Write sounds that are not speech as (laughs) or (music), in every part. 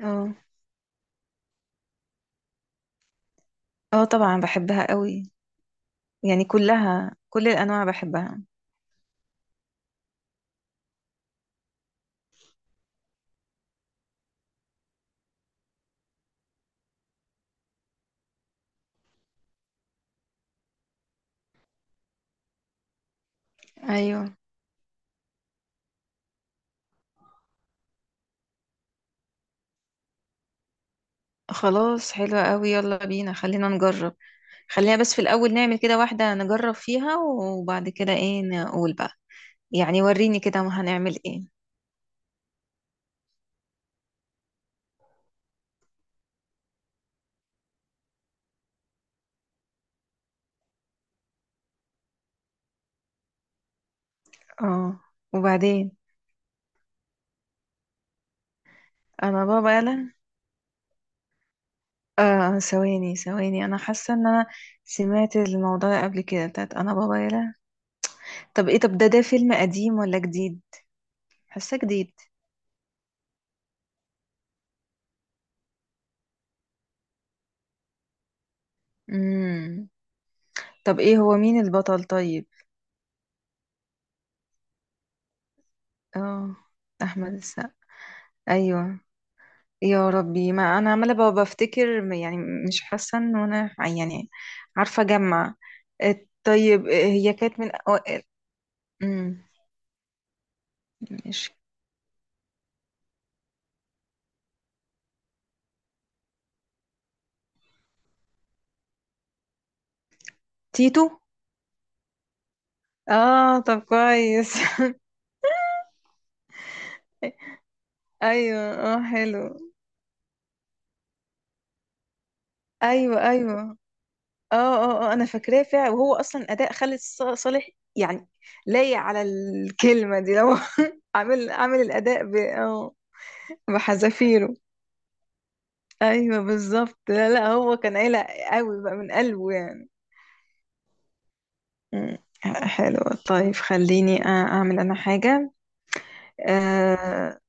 اه اه طبعا بحبها قوي. يعني كلها كل الانواع بحبها. ايوه خلاص حلوة قوي، يلا بينا خلينا نجرب. خلينا بس في الاول نعمل كده واحدة نجرب فيها وبعد كده ايه نقول بقى. يعني وريني كده هنعمل ايه. اه وبعدين. انا بابا يلا. اه ثواني ثواني، انا حاسة ان انا سمعت الموضوع ده قبل كده بتاعت انا بابا يلا. طب ايه، طب ده فيلم قديم ولا جديد؟ حاسة جديد. امم، طب ايه هو مين البطل طيب؟ اه، احمد السقا. ايوه. يا ربي، ما انا عماله بفتكر يعني مش حاسه ان انا يعني عارفه اجمع. طيب، هي كانت من أوائل. أمم، مش تيتو؟ اه طب كويس. (laughs) ايوه اه حلو. ايوه ايوه، اه انا فاكراه فعلا. وهو اصلا اداء خالد صالح يعني لايق على الكلمه دي، لو (laughs) عامل الاداء اه بحذافيره. ايوه بالظبط، لا هو كان قلق قوي بقى من قلبه يعني. مم. حلو. طيب خليني اعمل انا حاجه. آه،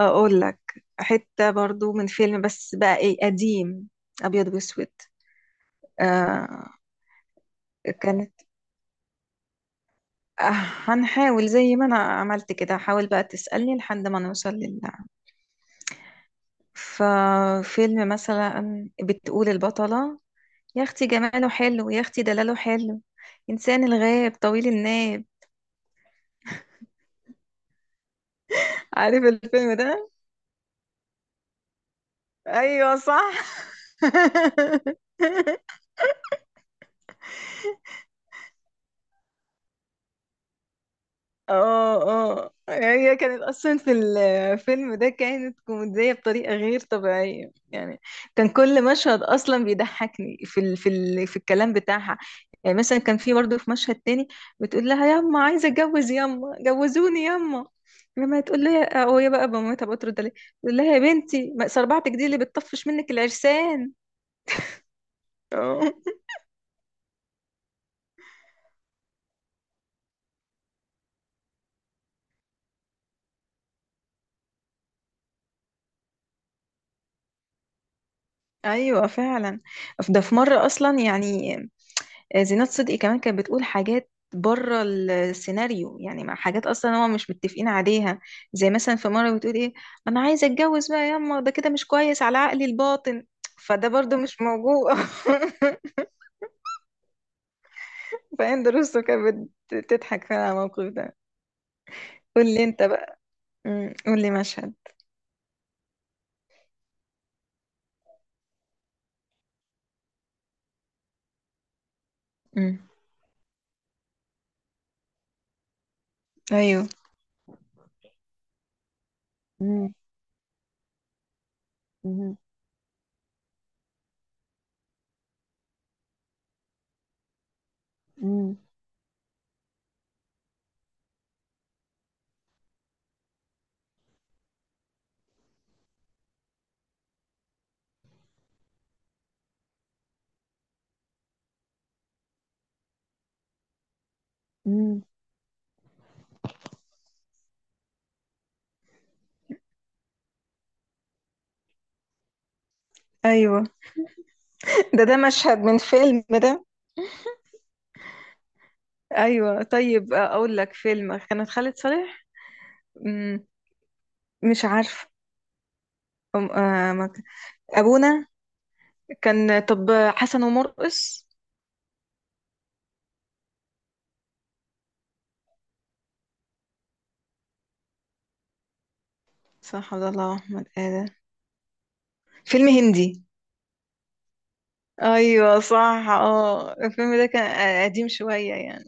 اقول لك حته برضو من فيلم بس بقى ايه، قديم ابيض واسود. آه، كانت. آه، هنحاول زي ما انا عملت كده، حاول بقى تسالني لحد ما نوصل لله. ففيلم مثلا بتقول البطله: يا اختي جماله حلو، يا اختي دلاله حلو، انسان الغاب طويل الناب. عارف الفيلم ده؟ ايوه صح. (laughs) اه اه، هي كانت اصلا في الفيلم ده كانت كوميديه بطريقه غير طبيعيه يعني. كان كل مشهد اصلا بيضحكني في ال في ال في الكلام بتاعها. يعني مثلا كان في برضه في مشهد تاني بتقول لها: ياما عايزه اتجوز، ياما جوزوني ياما. لما تقول لها وهي بقى بمامتها بترد عليها، تقول لها: يا بنتي ما صربعتك دي اللي بتطفش منك العرسان. ايوه فعلا. ده في مره اصلا يعني، زينات صدقي كمان كانت بتقول حاجات بره السيناريو، يعني مع حاجات اصلا هما مش متفقين عليها. زي مثلا في مره بتقول ايه: انا عايزه اتجوز بقى ياما، ده كده مش كويس على عقلي الباطن. فده برضو مش موجود. (laughs) فهند رستم كانت بتضحك فعلا على الموقف ده. قول لي انت بقى. قول لي مشهد. أمم، ايوه. مم. مم. مم. مم. ايوه. (laughs) ده ده مشهد من فيلم ده؟ ايوه. طيب اقول لك فيلم كانت خالد صالح. مم، مش عارف. ما ك- ابونا كان، طب حسن ومرقص. صح، عبد الله احمد ادم، فيلم هندي. ايوه صح. اه الفيلم ده كان قديم شويه يعني.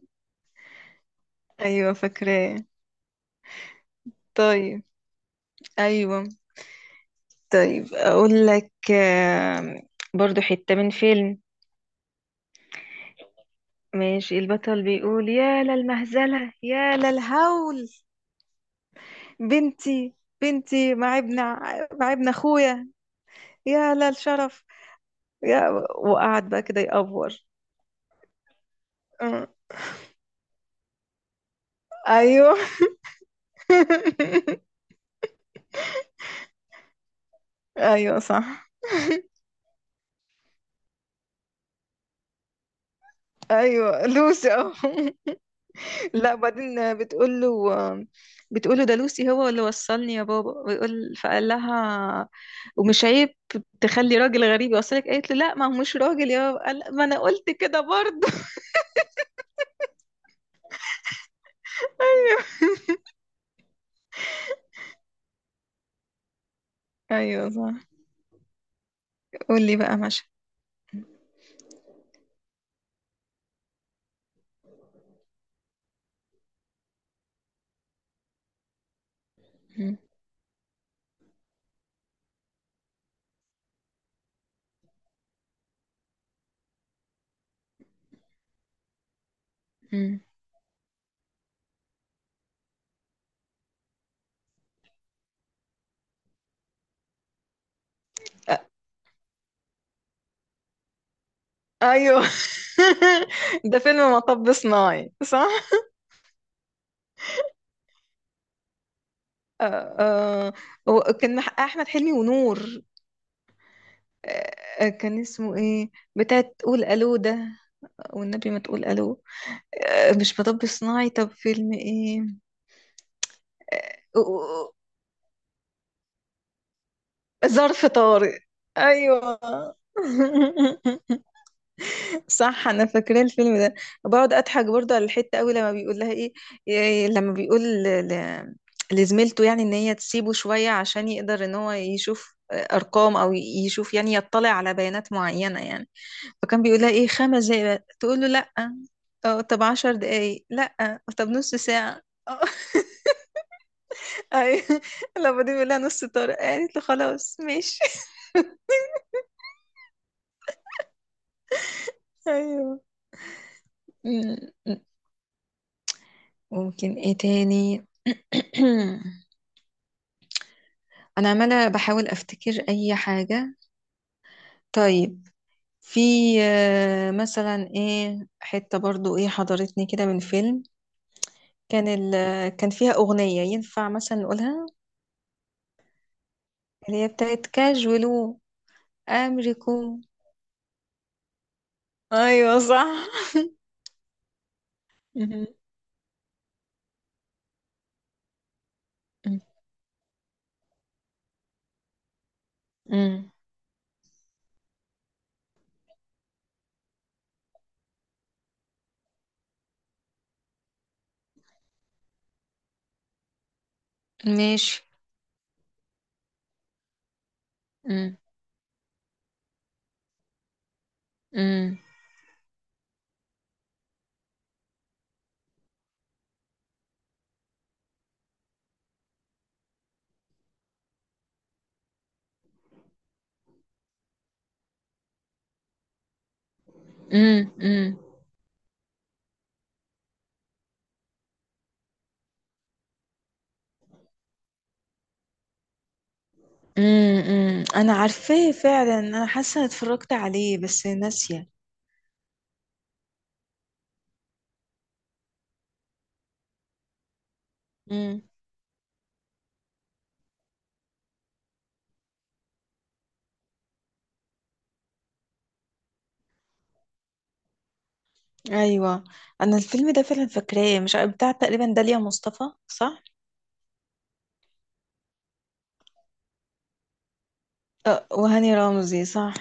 ايوه فاكراه. طيب. ايوه. طيب اقول لك برضو حته من فيلم. ماشي، البطل بيقول: يا للمهزله، يا للهول، بنتي، بنتي مع ابن مع ابن اخويا، يا لا الشرف، يا. وقعد بقى كده يأفور. أه. ايوه. (laughs) ايوه صح. ايوه لوسي أهو. (laughs) لا بعدين بتقول له، بتقول له ده لوسي هو اللي وصلني يا بابا. ويقول فقال لها: ومش عيب تخلي راجل غريب يوصلك؟ قالت له لا، ما هو مش راجل يا بابا. قال: ما انا قلت كده برضه. (laughs) ايوه صح. قول لي بقى ماشي. مم. مم. ايوه. (laughs) ده فيلم مطب صناعي صح؟ آه آه. وكان احمد حلمي ونور. آه، كان اسمه ايه بتاع تقول الو ده، والنبي ما تقول الو. آه، مش مطب صناعي، طب فيلم ايه؟ آه، آه، ظرف طارق. ايوه. (laughs) صح انا فاكره الفيلم ده. بقعد اضحك برضه على الحته قوي لما بيقول لها ايه. إيه لما بيقول لزميلته يعني ان هي تسيبه شويه، عشان يقدر ان هو يشوف ارقام او يشوف يعني يطلع على بيانات معينه يعني. فكان بيقول لها ايه: خمس دقايق بس. تقول له لا. اه طب عشر دقايق، لا طب نص ساعه. اه. (laughs) ايوه. لما دي بيقول لها نص، طارق قالت له خلاص ماشي. (laughs) ايوه. ممكن ايه تاني؟ (clears throat) انا عماله بحاول افتكر اي حاجه. طيب، في مثلا ايه حته برضو ايه حضرتني كده من فيلم. كان ال، كان فيها اغنيه ينفع مثلا نقولها، اللي هي بتاعت كاجولو امريكو. ايوه صح. (laughs) مهم. مم. ماشي. مم. مم. مم. مم. مم. مم. انا عارفاه فعلا، انا حاسه إني اتفرجت عليه بس ناسيه. ايوه، انا الفيلم ده فعلا فاكراه، مش عارف- بتاع تقريبا داليا مصطفى صح؟ وهاني رمزي صح.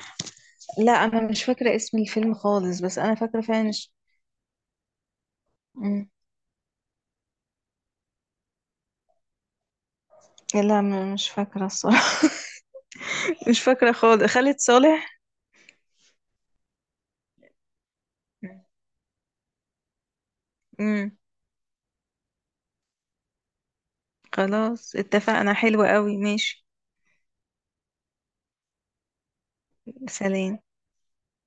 لا انا مش فاكره اسم الفيلم خالص، بس انا فاكره فعلا مش... مم. لا مش فاكره الصراحه. (laughs) مش فاكره خالص، خالد صالح. مم. خلاص اتفقنا، حلوة قوي ماشي. سلام.